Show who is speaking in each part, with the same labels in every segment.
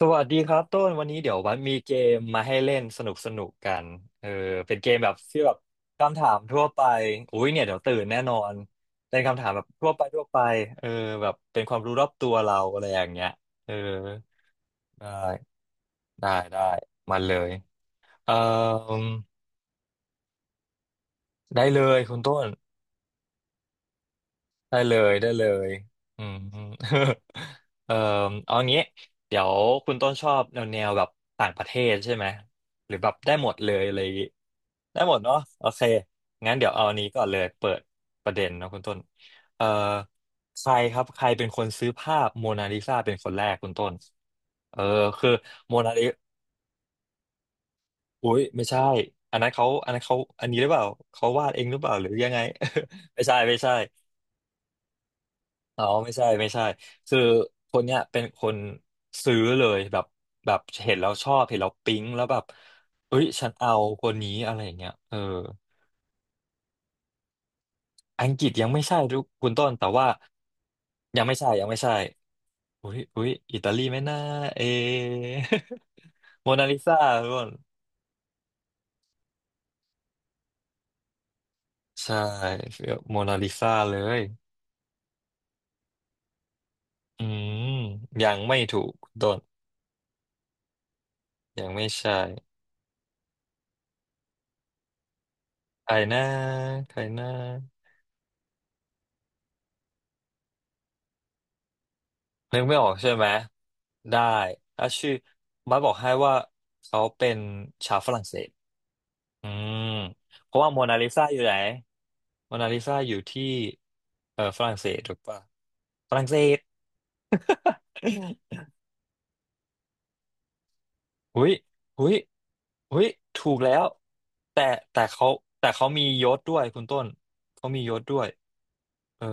Speaker 1: สวัสดีครับต้นวันนี้เดี๋ยววัดมีเกมมาให้เล่นสนุกสนุกกันเออเป็นเกมแบบที่แบบคำถามทั่วไปอุ้ยเนี่ยเดี๋ยวตื่นแน่นอนเป็นคำถามแบบทั่วไปทั่วไปเออแบบเป็นความรู้รอบตัวเราอะไรอย่างเงี้ยเออได้ได้ได้มาเลยเอ่อได้เลยคุณต้น ได้เลยได้เลยอืม เอ่อเอางี้เดี๋ยวคุณต้นชอบแนวแบบต่างประเทศใช่ไหมหรือแบบได้หมดเลยอะไรอย่างงี้ได้หมดเนาะโอเคงั้นเดี๋ยวเอาอันนี้ก่อนเลยเปิดประเด็นเนาะคุณต้นเอ่อใครครับใครเป็นคนซื้อภาพโมนาลิซาเป็นคนแรกคุณต้นเออคือโมนาลิอุ้ยไม่ใช่อันนั้นเขาอันนี้หรือเปล่าเขาวาดเองหรือเปล่าหรือยังไง ไม่ใช่ไม่ใช่ อ๋อไม่ใช่ไม่ใช่คือคนเนี้ยเป็นคนซื้อเลยแบบเห็นแล้วชอบเห็นแล้วปิ๊งแล้วแบบเอ้ยฉันเอาคนนี้อะไรอย่างเงี้ยเอออังกฤษยังไม่ใช่ทุกคุณต้นแต่ว่ายังไม่ใช่ยังไม่ใช่อุ้ยอุ้ยอิตาลีไหม่น่าเอะ โมนาลิซาทุกคนใช่โมนาลิซาเลยอืมยังไม่ถูกคุณต้นยังไม่ใช่ใครนะใครนะ นึกไม่ออกใช่ไหมได้ถ้าชื่อบัสบอกให้ว่าเขาเป็นชาวฝรั่งเศสอืมเพราะว่าโมนาลิซาอยู่ไหนโมนาลิซาอยู่ที่เออฝรั่งเศสถูกปะฝรั่งเศส หุยหุยหุยถูกแล้วแต่แต่เขาแต่เขามียศด้วยคุณต้นเขามียศด้วยเออ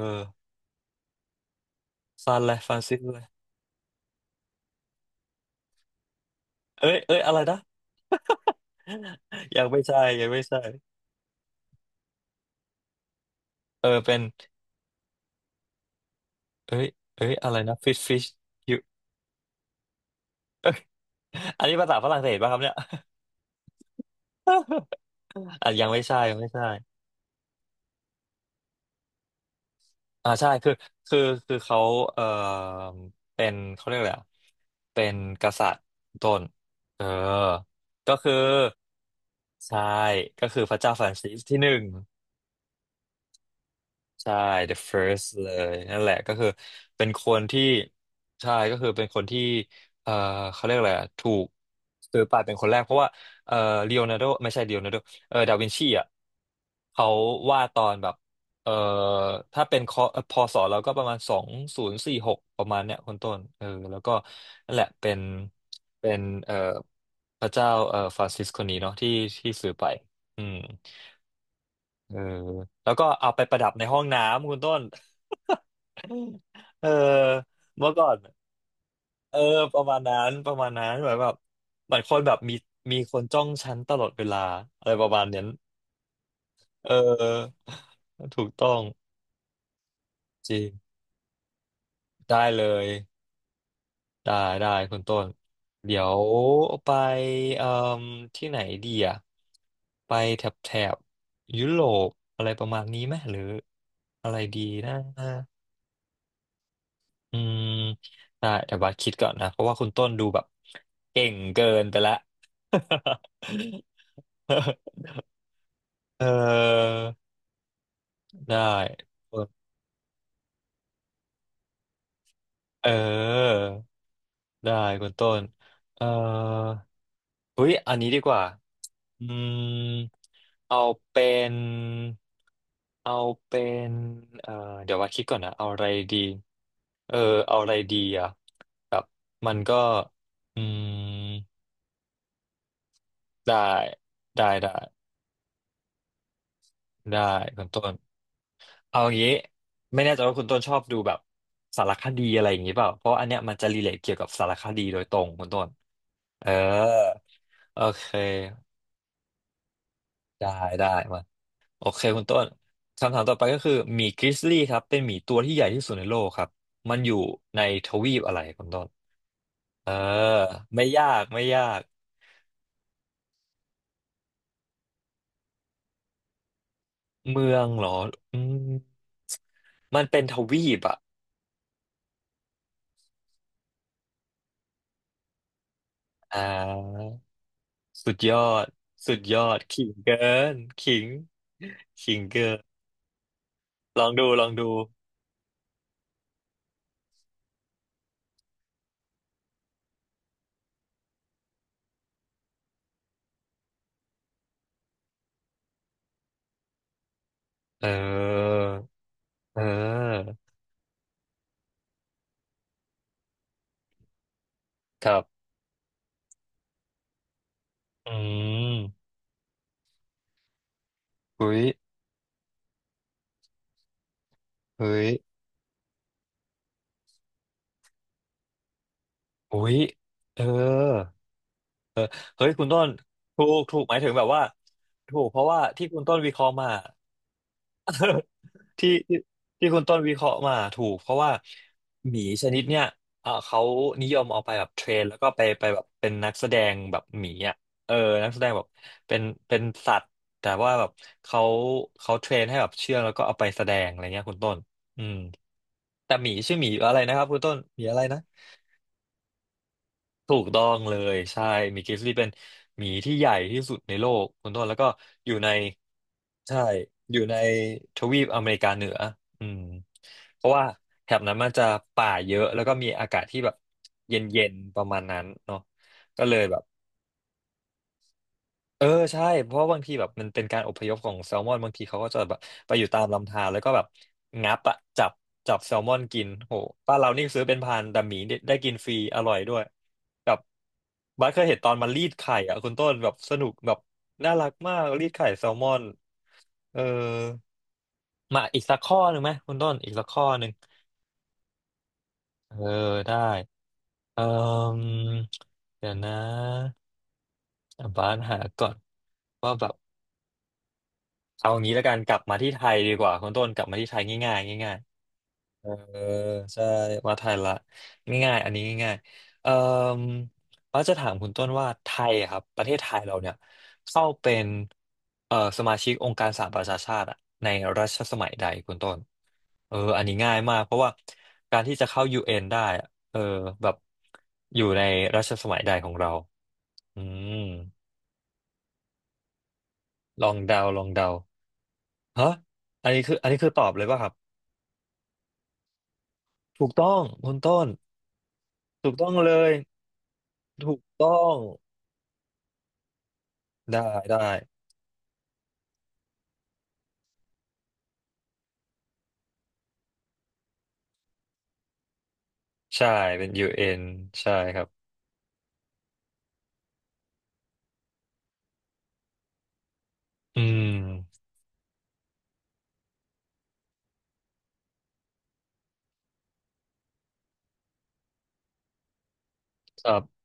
Speaker 1: ซานเลยฟรานซิสเลยเอ้ยเอ้ยอะไรนะ ยังไม่ใช่ยังไม่ใช่เออเป็นเอ้ยเอ้ยอะไรนะฟิชฟิช เอ้ยอันนี้ภาษาฝรั่งเศสป่ะครับเนี่ย อ่ะยังไม่ใช่ยังไม่ใช่อ่าใช่คือคือเขาเอ่อเป็นเขาเรียกอะไรอ่ะเป็นกษัตริย์ต้นเออก็คือใช่ก็คือพระเจ้าฟรานซิสที่1 ใช่ the first เลยนั่นแหละก็คือเป็นคนที่ใช่ก็คือเป็นคนที่เอ่อเขาเรียกอะไรอะถูกซื้อไปเป็นคนแรกเพราะว่าเอ่อลีโอนาร์โดไม่ใช่ลีโอนาร์โดเออดาวินชีอ่ะเขาวาดตอนแบบเอ่อถ้าเป็นคอพศแล้วก็ประมาณ2046ประมาณเนี้ยคนต้นเออแล้วก็นั่นแหละเป็นเป็นพระเจ้าฟรานซิสคนนี้เนาะที่ที่ซื้อไปอืม เออแล้วก็เอาไปประดับในห้องน้ำคุณต้น เออเมื่อก่อนเออประมาณนั้นประมาณนั้นแบบเหมือนคนแบบมีคนจ้องฉันตลอดเวลาอะไรประมาณนั้นเออถูกต้องจริงได้เลยได้ได้คุณต้นเดี๋ยวไปเอ่มที่ไหนดีอะไปแถบยุโรปอะไรประมาณนี้ไหมหรืออะไรดีนะ อืมได้แต่ว่าคิดก่อนนะเพราะว่าคุณต้นดูแบบเก่งเกินไปละ เออได้เออได้คุณต้นเออเฮ้ยอันนี้ดีกว่าอืมเอาเป็นเอาเป็นเออเดี๋ยวว่าคิดก่อนนะเอาอะไรดีเออเอาอะไรดีอ่ะแบบมันก็อืม ได้ได้ได้ได้คุณต้นเอางี้ไม่แน่ใจว่าคุณต้นชอบดูแบบสารคดีอะไรอย่างนี้เปล่าเพราะอันเนี้ยมันจะรีเลทเกี่ยวกับสารคดีโดยตรงคุณต้นเออโอเคได้ได้มาโอเคคุณต้นคำถามต่อไปก็คือหมีกริซลี่ครับเป็นหมีตัวที่ใหญ่ที่สุดในโลกครับมันอยู่ในทวีปอะไรคุณต้นเออไม่ยากไม่ยากเมืองเหรออืมมันเป็นทวีปอ่ะอ่า สุดยอด สุดยอดขิงเกินขิงขิงเกินลองดู ลองดู เออ เออครับ อืมอุ้ยเฮ้ยอุ้ยเออ เฮ้ยคุณต้นถูกถูกหมายถึงแบบว่าถูกเพราะว่าที่คุณต้นวิเคราะห์มา ที่ที่ที่คุณต้นวิเคราะห์มาถูกเพราะว่าหมีชนิดเนี้ยเออเขานิยมเอาไปแบบเทรนแล้วก็ไปแบบเป็นนักแสดงแบบหมีอ่ะเออนักแสดงแบบเป็นเป็นสัตว์แต่ว่าแบบเขาเขาเทรนให้แบบเชื่องแล้วก็เอาไปแสดงอะไรเงี้ยคุณต้นอืมแต่หมีชื่อหมีอะไรนะครับคุณต้นหมีอะไรนะถูกต้องเลยใช่หมีกริซลี่เป็นหมีที่ใหญ่ที่สุดในโลกคุณต้นแล้วก็อยู่ใน ใช่อยู่ในทวีปอเมริกาเหนืออืมเพราะว่าแถบนั้นมันจะป่าเยอะแล้วก็มีอากาศที่แบบเย็นๆประมาณนั้นเนาะก็เลยแบบเออใช่ เพราะว่าบางทีแบบมันเป็นการอพยพของแซลมอนบางทีเขาก็จะแบบไปอยู่ตามลำธารแล้วก็แบบงับอะจับจับแซลมอนกินโหป้านเรานี่ซื้อเป็นพันแต่หมีได้กินฟรีอร่อยด้วยแบบบัสเคยเห็นตอนมันรีดไข่อะคุณต้นแบบสนุกแบบน่ารักมากรีดไข่แซลมอนเออ มาอีกสักข้อหนึ่งไหมคุณต้นอีกสักข้อหนึ่งเออได้เออเดี๋ยวนะบ้านหาก่อนว่าแบบเอางี้แล้วกันกลับมาที่ไทยดีกว่าคุณต้นกลับมาที่ไทยง่ายๆง่าย เออใช่วาดไทยละง่ายๆอันนี้ง่ายๆว่าจะถามคุณต้นว่าไทยอะครับประเทศไทยเราเนี่ยเข้าเป็นสมาชิกองค์การสหประชาชาติอะในรัชสมัยใดคุณต้นเอออันนี้ง่ายมากเพราะว่าการที่จะเข้ายูเอ็นได้อะเออแบบอยู่ในรัชสมัยใดของเราอืมลองเดาลองเดาฮะอันนี้คือตอบเลยป่ะครับถูกต้องคุณต้นถูกต้องเลยถูกต้อง ได้ได้ใช่เป็น UN ใช่ครับอืมครับ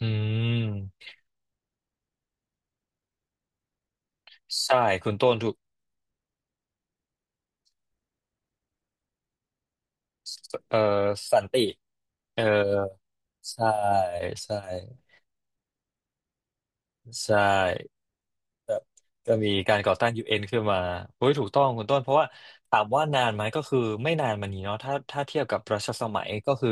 Speaker 1: อืมใช่คุณต้นถูกเอ่อสันติเออใช่ใช่ใช่ ครับก็มีการก่อตั้งยูเอ็ n ขึ้นมาโอ้ยถูกต้องคุณต้นเพราะว่าถามว่านานไหมก็คือไม่นานมานี้เนาะถ้าเทียบกับรัชสมัยก็คือ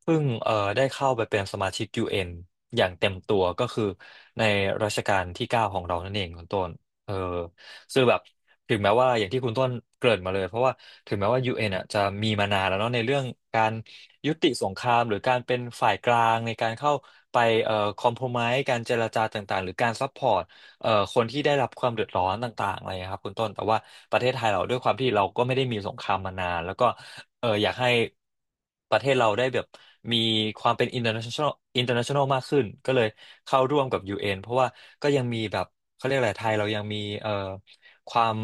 Speaker 1: เพิ่งได้เข้าไปเป็นสมาชิกยูเอนอย่างเต็มตัวก็คือในรัชกาลที่9ของเรานั่นเองคุณต้นเออซึ่งแบบถึงแม้ว่าอย่างที่คุณต้นเกริ่นมาเลยเพราะว่าถึงแม้ว่า UN อนอ่ะจะมีมานานแล้วเนาะในเรื่องการยุติสงครามหรือการเป็นฝ่ายกลางในการเข้าไปคอมโพรไมซ์การเจรจาต่างๆหรือการซัพพอร์ต คนที่ได้รับความเดือดร้อนต่างๆอะไรนะครับคุณต้นแต่ว่าประเทศไทยเราด้วยความที่เราก็ไม่ได้มีสงครามมานานแล้วก็เอออยากให้ประเทศเราได้แบบมีความเป็น international มากขึ้นก็เลยเข้าร่วมกับยูเอ็นเพราะว่าก็ยังมีแบบเขาเรียกอะไรไทยเรายังมีความ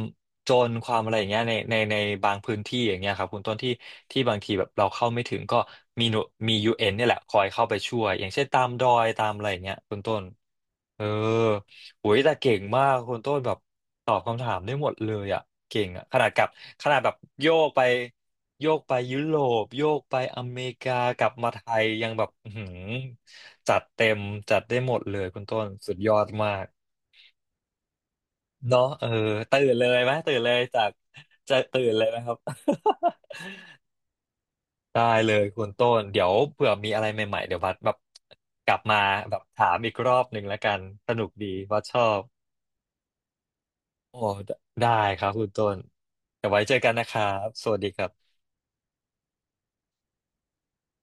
Speaker 1: จนความอะไรอย่างเงี้ยในบางพื้นที่อย่างเงี้ยครับคุณต้นที่บางทีแบบเราเข้าไม่ถึงก็มีหน่วยมี UN เอ็นเนี่ยแหละคอยเข้าไปช่วยอย่างเช่นตามดอยตามอะไรอย่างเงี้ยคุณต้นเออ โอ้ยแต่เก่งมากคุณต้นแบบตอบคำถามได้หมดเลยอ่ะเก่งอ่ะขนาดกับขนาดแบบโยกไปยุโรปโยกไปอเมริกากลับมาไทยยังแบบอื้อหือจัดเต็มจัดได้หมดเลยคุณต้นสุดยอดมากเนาะเออตื่นเลยไหมตื่นเลยจากจะตื่นเลยไหมครับ ได้เลยคุณต้นเดี๋ยวเผื่อมีอะไรใหม่ๆเดี๋ยวบัสแบบกลับมาแบบถามอีกรอบหนึ่งแล้วกันสนุกดีบัสชอบ โอ้ ได้ครับคุณต้นเดี๋ยวไว้เจอกันนะครับ สวัสดีครับ